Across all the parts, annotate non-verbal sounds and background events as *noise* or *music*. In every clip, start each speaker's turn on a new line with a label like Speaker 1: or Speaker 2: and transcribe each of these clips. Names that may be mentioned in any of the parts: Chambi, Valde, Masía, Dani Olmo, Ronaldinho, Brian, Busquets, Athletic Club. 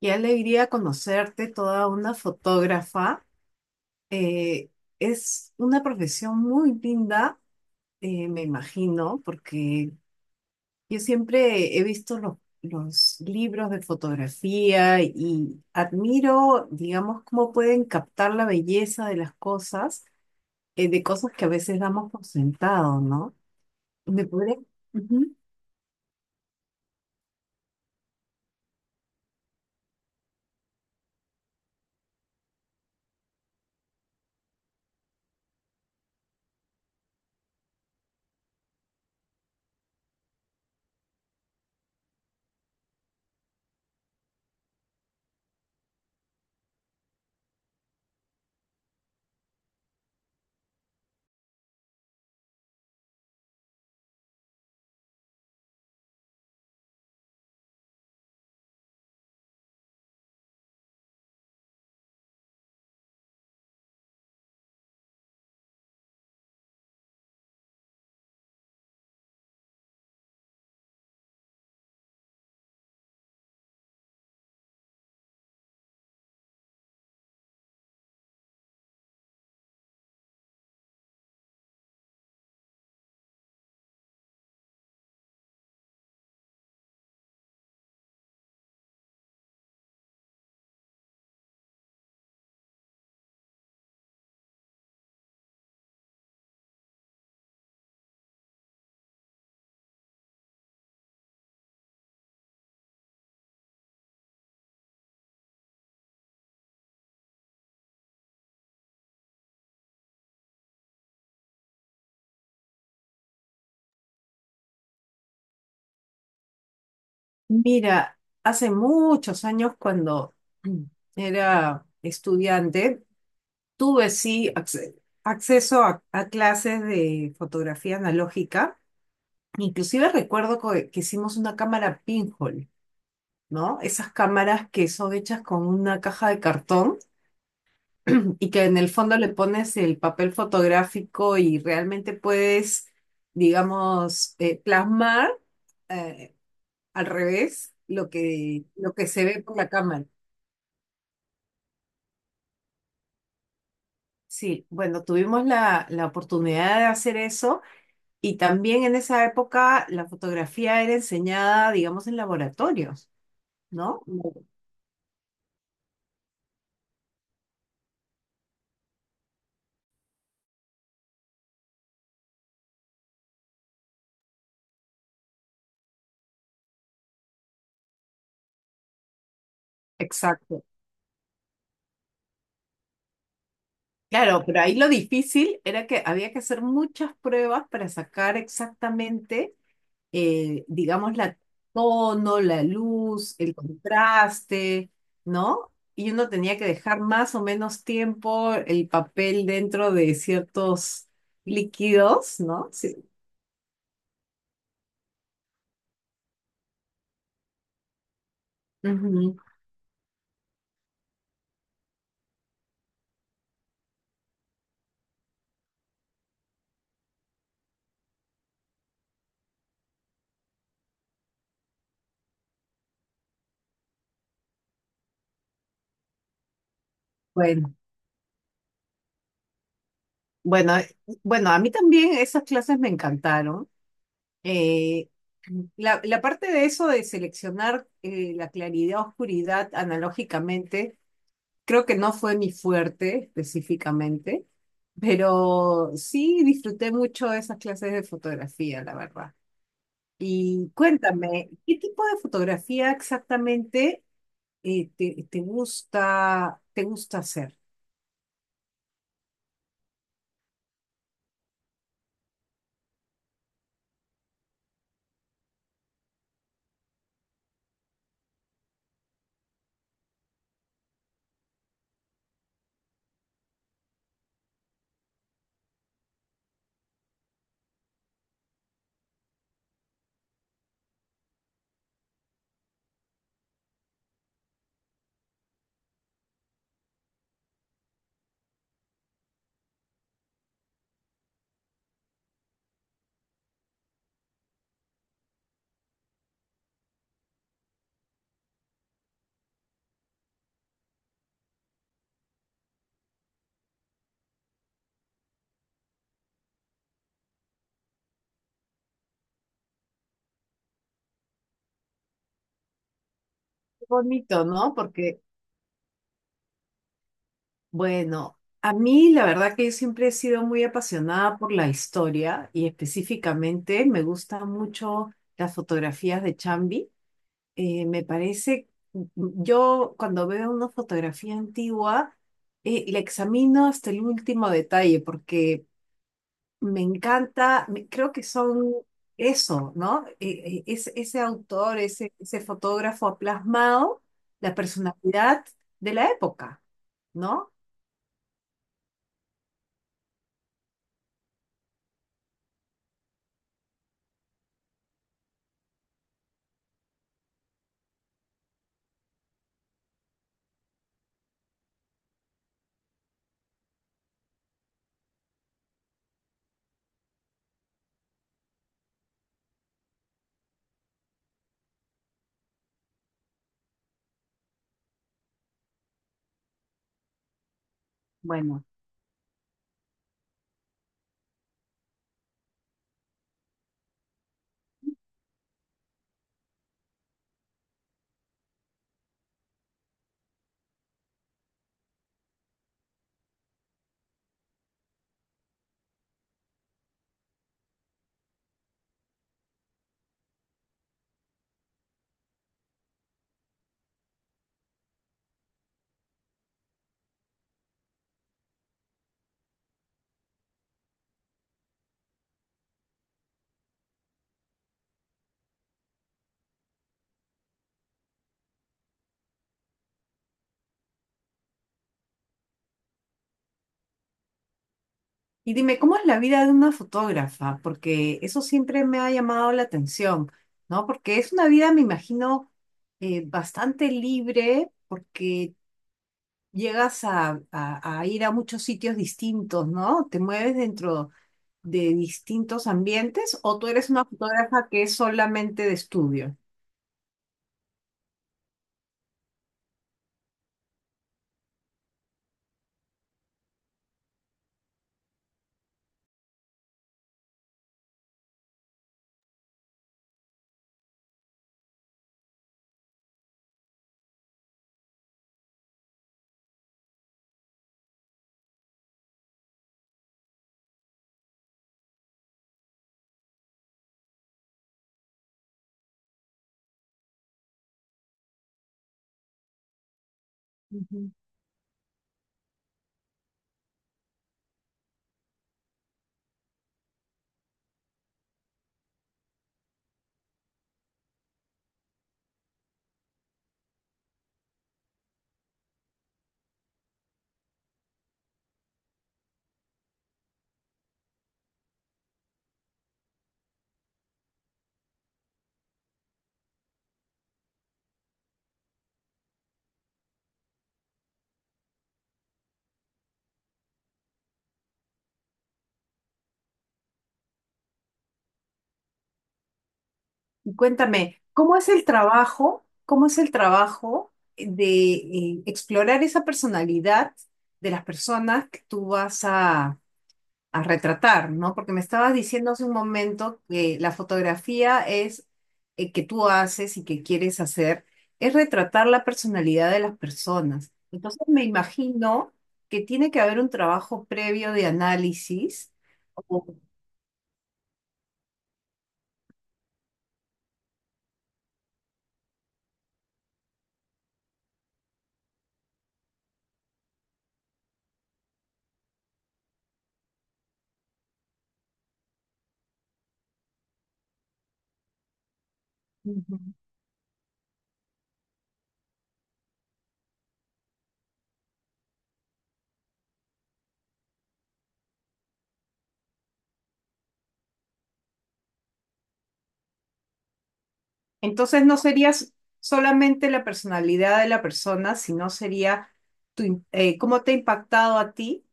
Speaker 1: Qué alegría conocerte, toda una fotógrafa. Eh, es una profesión muy linda, me imagino, porque yo siempre he visto los libros de fotografía y admiro, digamos, cómo pueden captar la belleza de las cosas, de cosas que a veces damos por sentado, ¿no? ¿Me podrías- Ujú. Mira, hace muchos años cuando *clears throat* era estudiante, tuve acceso a clases de fotografía analógica. Inclusive recuerdo que hicimos una cámara pinhole, ¿no? Esas cámaras que son hechas con una caja de cartón *clears throat* y que en el fondo le pones el papel fotográfico y realmente puedes, digamos, plasmar eh, al revés lo que se ve por la cámara. Sí, bueno, tuvimos la oportunidad de hacer eso. Y también en esa época la fotografía era enseñada, digamos, en laboratorios, ¿no? Exacto. Claro, pero ahí lo difícil era que había que hacer muchas pruebas para sacar exactamente, digamos, la tono, la luz, el contraste, ¿no? Y uno tenía que dejar más o menos tiempo el papel dentro de ciertos líquidos, ¿no? Sí. Ujú. Bueno, Bueno, eh, bueno, a mí también esas clases me encantaron. Eh, la parte de eso de seleccionar la claridad, oscuridad analógicamente, creo que no fue mi fuerte específicamente, pero sí disfruté mucho esas clases de fotografía, la verdad. Y cuéntame, ¿qué tipo de fotografía exactamente te gusta hacer? Qué bonito, ¿no? Porque bueno, a mí la verdad que yo siempre he sido muy apasionada por la historia y específicamente me gustan mucho las fotografías de Chambi. Eh, me parece, yo cuando veo una fotografía antigua, la examino hasta el último detalle porque me encanta, creo que son eso, ¿no? Ese autor, ese fotógrafo ha plasmado la personalidad de la época, ¿no? Bueno. Y dime, ¿cómo es la vida de una fotógrafa? Porque eso siempre me ha llamado la atención, ¿no? Porque es una vida, me imagino, bastante libre, porque llegas a ir a muchos sitios distintos, ¿no? Te mueves dentro de distintos ambientes, o tú eres una fotógrafa que es solamente de estudio. Y cuéntame, ¿cómo es el trabajo? ¿Cómo es el trabajo de explorar esa personalidad de las personas que tú vas a retratar, ¿no? Porque me estabas diciendo hace un momento que la fotografía es que tú haces y que quieres hacer, es retratar la personalidad de las personas. Entonces me imagino que tiene que haber un trabajo previo de análisis. o- Ujú. Entonces no sería solamente la personalidad de la persona, sino sería cómo te ha impactado a ti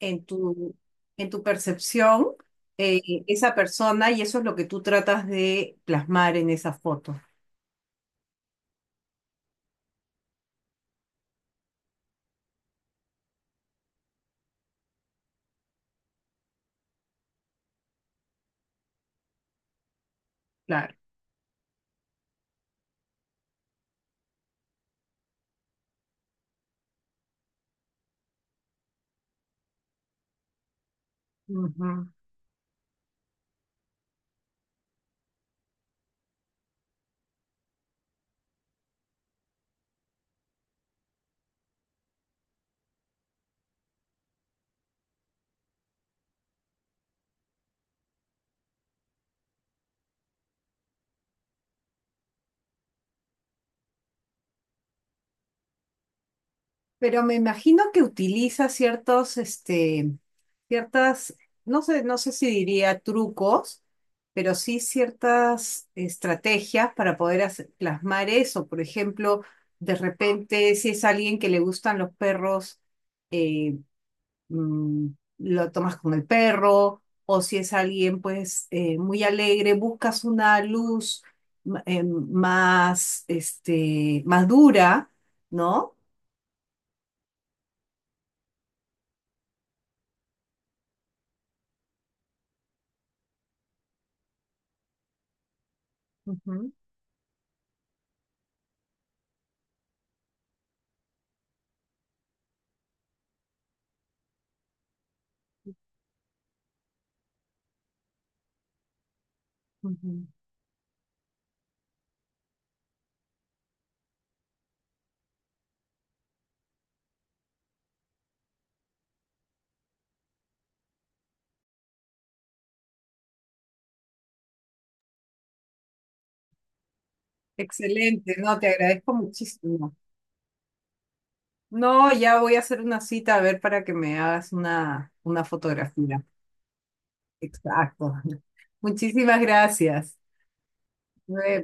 Speaker 1: en en tu percepción eh, esa persona, y eso es lo que tú tratas de plasmar en esa foto. Claro. Ujú. Pero me imagino que utiliza ciertos, este, ciertas, no sé, no sé si diría trucos, pero sí ciertas estrategias para poder plasmar eso. Por ejemplo, de repente, si es alguien que le gustan los perros, eh, mm, lo tomas con el perro, o si es alguien, pues, muy alegre, buscas una luz más, este, más dura, ¿no? Ujú, ujú. Excelente, no, te agradezco muchísimo. No, ya voy a hacer una cita a ver para que me hagas una fotografía. Exacto. *laughs* Muchísimas gracias. Nos vemos.